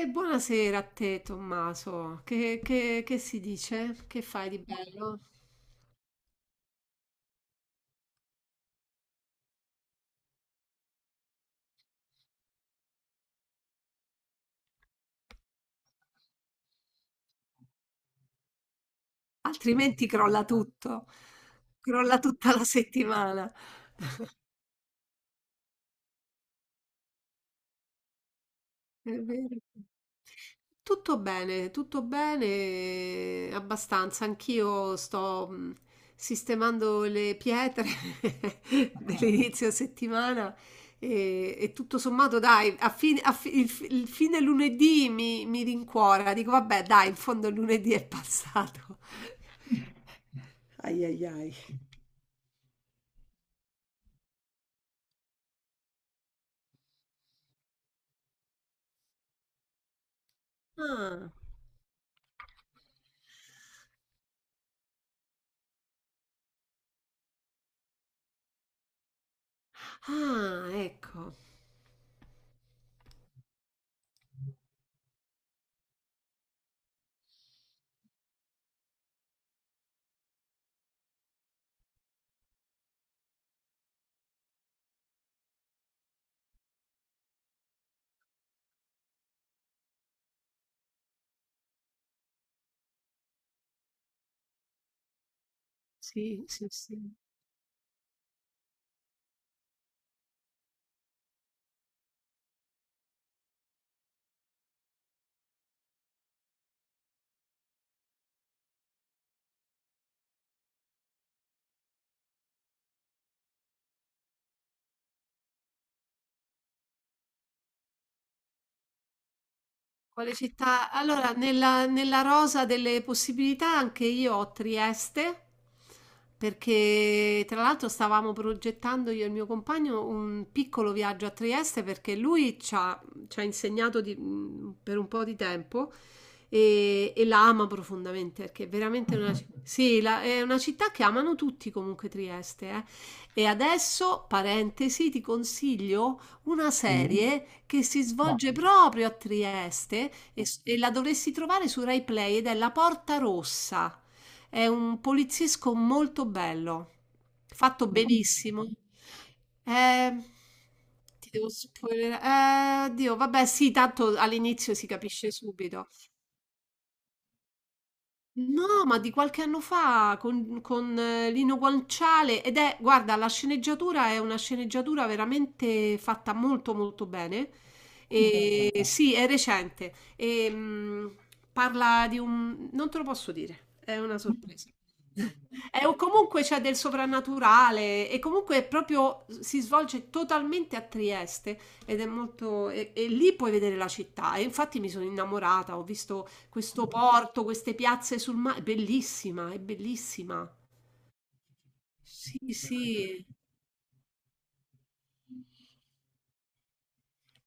E buonasera a te, Tommaso. Che si dice? Che fai di bello? Altrimenti crolla tutto, crolla tutta la settimana. È vero. Tutto bene, abbastanza. Anch'io sto sistemando le pietre dell'inizio settimana e tutto sommato, dai, a fine- a fi- il fine lunedì mi rincuora. Dico, vabbè, dai, in fondo il lunedì è passato. Ai ai ai. Ah, ah, ecco. Sì, sì, sì. Quale città? Allora, nella rosa delle possibilità anche io ho Trieste, perché tra l'altro stavamo progettando io e il mio compagno un piccolo viaggio a Trieste perché lui ci ha insegnato per un po' di tempo e la ama profondamente perché è veramente una, ci- sì, la- è una città che amano tutti comunque Trieste, eh. E adesso, parentesi, ti consiglio una serie che si svolge proprio a Trieste e la dovresti trovare su Rai Play ed è La Porta Rossa. È un poliziesco molto bello, fatto benissimo. Eh, ti devo spoilerare. Dio, vabbè, sì, tanto all'inizio si capisce subito. No, ma di qualche anno fa con Lino Guanciale ed è, guarda, la sceneggiatura è una sceneggiatura veramente fatta molto molto bene. E, bello. Sì, è recente. Parla di un... non te lo posso dire, è una sorpresa. È, o comunque c'è del soprannaturale e comunque è proprio si svolge totalmente a Trieste ed è molto... e lì puoi vedere la città e infatti mi sono innamorata, ho visto questo porto, queste piazze sul mare, è bellissima, è bellissima. Sì, sì,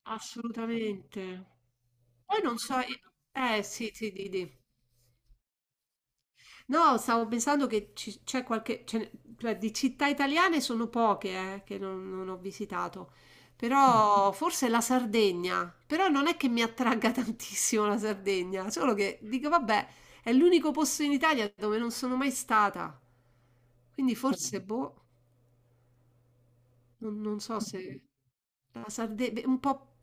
assolutamente. Poi non so, eh sì, sì, di. No, stavo pensando che ci- c'è qualche, ce ne- cioè, di città italiane sono poche, che non ho visitato, però forse la Sardegna, però non è che mi attragga tantissimo la Sardegna, solo che dico, vabbè, è l'unico posto in Italia dove non sono mai stata, quindi forse, boh. Non so se la Sardegna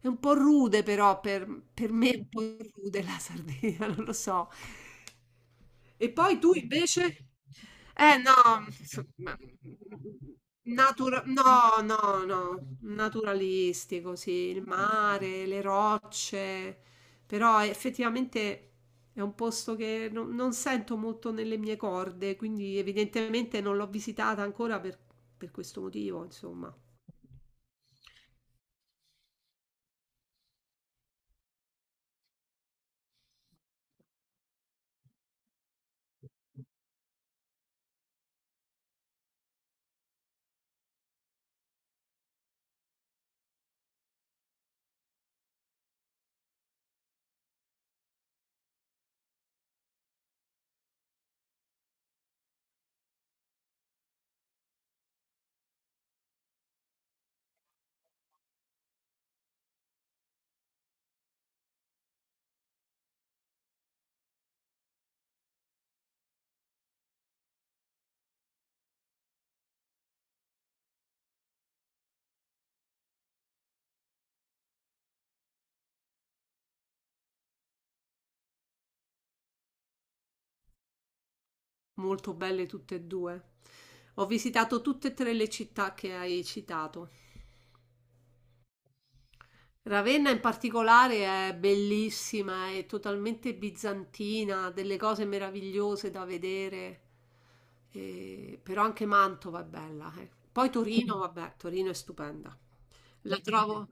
è un po' rude, per me è un po' rude la Sardegna, non lo so. E poi tu invece? Eh no, insomma, natura- no, no, no, naturalistico, sì, il mare, le rocce, però effettivamente è un posto che non sento molto nelle mie corde, quindi evidentemente non l'ho visitata ancora per questo motivo, insomma. Molto belle tutte e due. Ho visitato tutte e tre le città che hai citato. Ravenna in particolare è bellissima, è totalmente bizantina, ha delle cose meravigliose da vedere. E- però anche Mantova è bella, eh. Poi Torino, vabbè, Torino è stupenda. La trovo,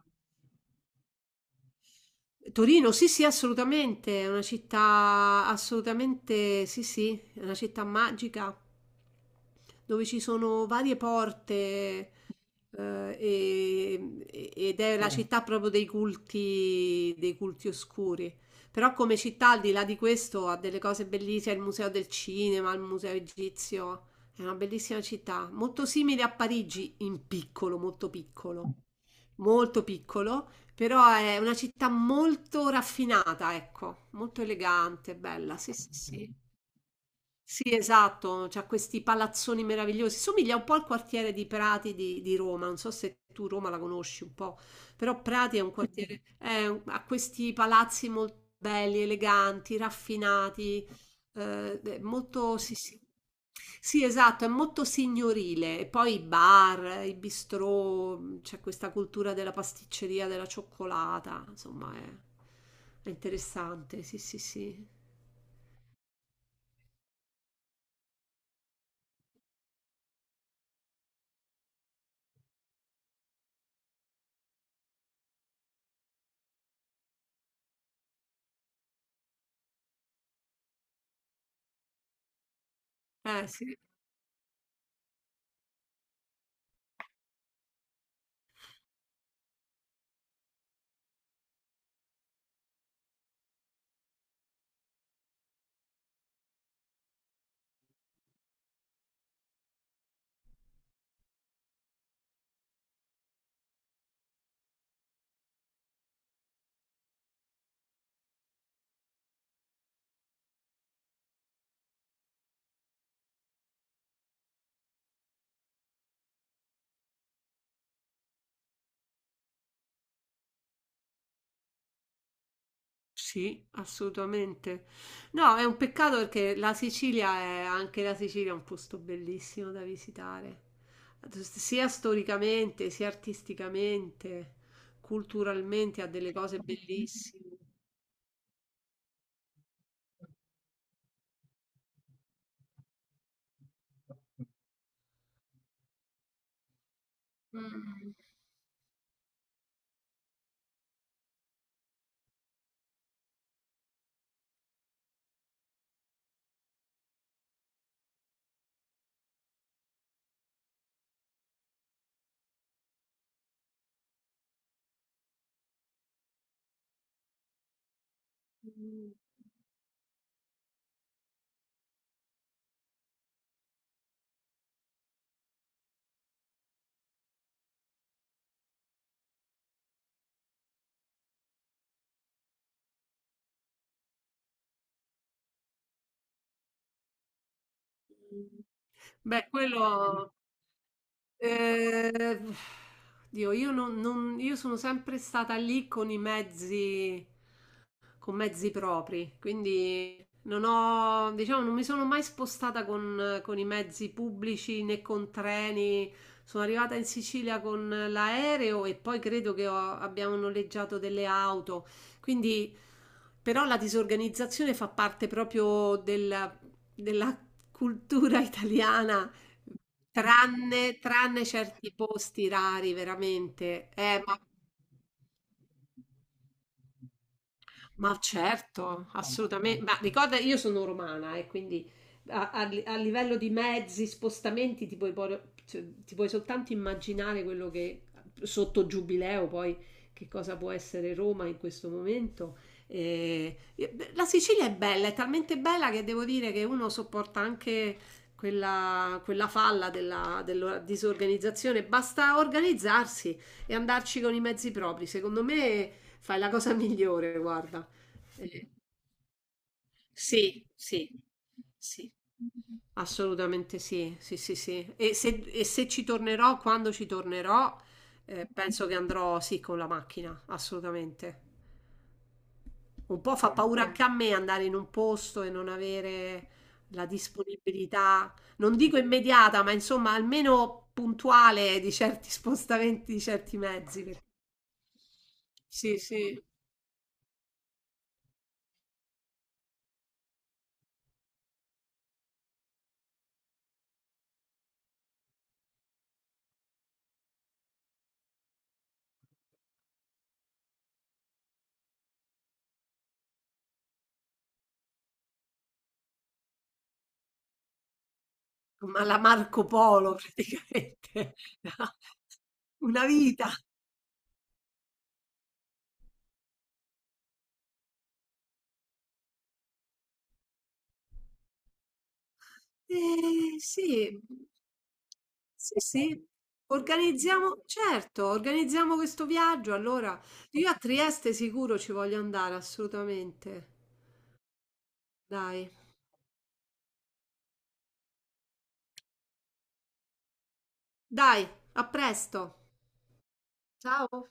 Torino, sì, sì, assolutamente, è una città assolutamente, sì, sì, è una città magica dove ci sono varie porte, ed è la mm, città proprio dei culti oscuri. Però come città, al di là di questo, ha delle cose bellissime, il Museo del Cinema, il Museo Egizio, è una bellissima città, molto simile a Parigi in piccolo, molto piccolo molto piccolo, però è una città molto raffinata, ecco, molto elegante, bella, sì, sì, sì. Sì, esatto, c'ha questi palazzoni meravigliosi. Somiglia un po' al quartiere di Prati di Roma. Non so se tu Roma la conosci un po', però Prati è un quartiere, ha questi palazzi molto belli, eleganti, raffinati, è molto, sì, sì. Sì, esatto, è molto signorile. E poi i bar, i bistrò, c'è questa cultura della pasticceria, della cioccolata, insomma, è interessante. Sì, sì, sì. Sì. Sì, assolutamente. No, è un peccato perché la Sicilia è anche la Sicilia è un posto bellissimo da visitare, sia storicamente, sia artisticamente, culturalmente ha delle cose bellissime. Beh, quello eh, Dio, io non- non- io sono sempre stata lì con i mezzi con mezzi propri, quindi non ho, diciamo, non mi sono mai spostata con i mezzi pubblici né con treni. Sono arrivata in Sicilia con l'aereo e poi credo che abbiamo noleggiato delle auto. Quindi, però, la disorganizzazione fa parte proprio della cultura italiana, tranne certi posti rari, veramente. Ma ma certo, assolutamente. Ma ricorda, io sono romana e quindi a livello di mezzi, spostamenti, ti puoi soltanto immaginare quello che sotto Giubileo poi che cosa può essere Roma in questo momento. La Sicilia è bella, è talmente bella che devo dire che uno sopporta anche quella falla della disorganizzazione. Basta organizzarsi e andarci con i mezzi propri. Secondo me fai la cosa migliore, guarda. Sì, sì, sì. Assolutamente sì, sì, sì, sì. E se ci tornerò, quando ci tornerò, penso che andrò sì con la macchina, assolutamente. Un po' fa paura anche a me andare in un posto e non avere la disponibilità, non dico immediata, ma insomma almeno puntuale di certi spostamenti, di certi mezzi, perché- sì, sì, ma la Marco Polo praticamente. Una vita. Sì, mhmm, sì, sì, organizziamo certo, organizziamo questo viaggio allora. Io a Trieste sicuro ci voglio andare, assolutamente. Dai, dai, a presto. Ciao.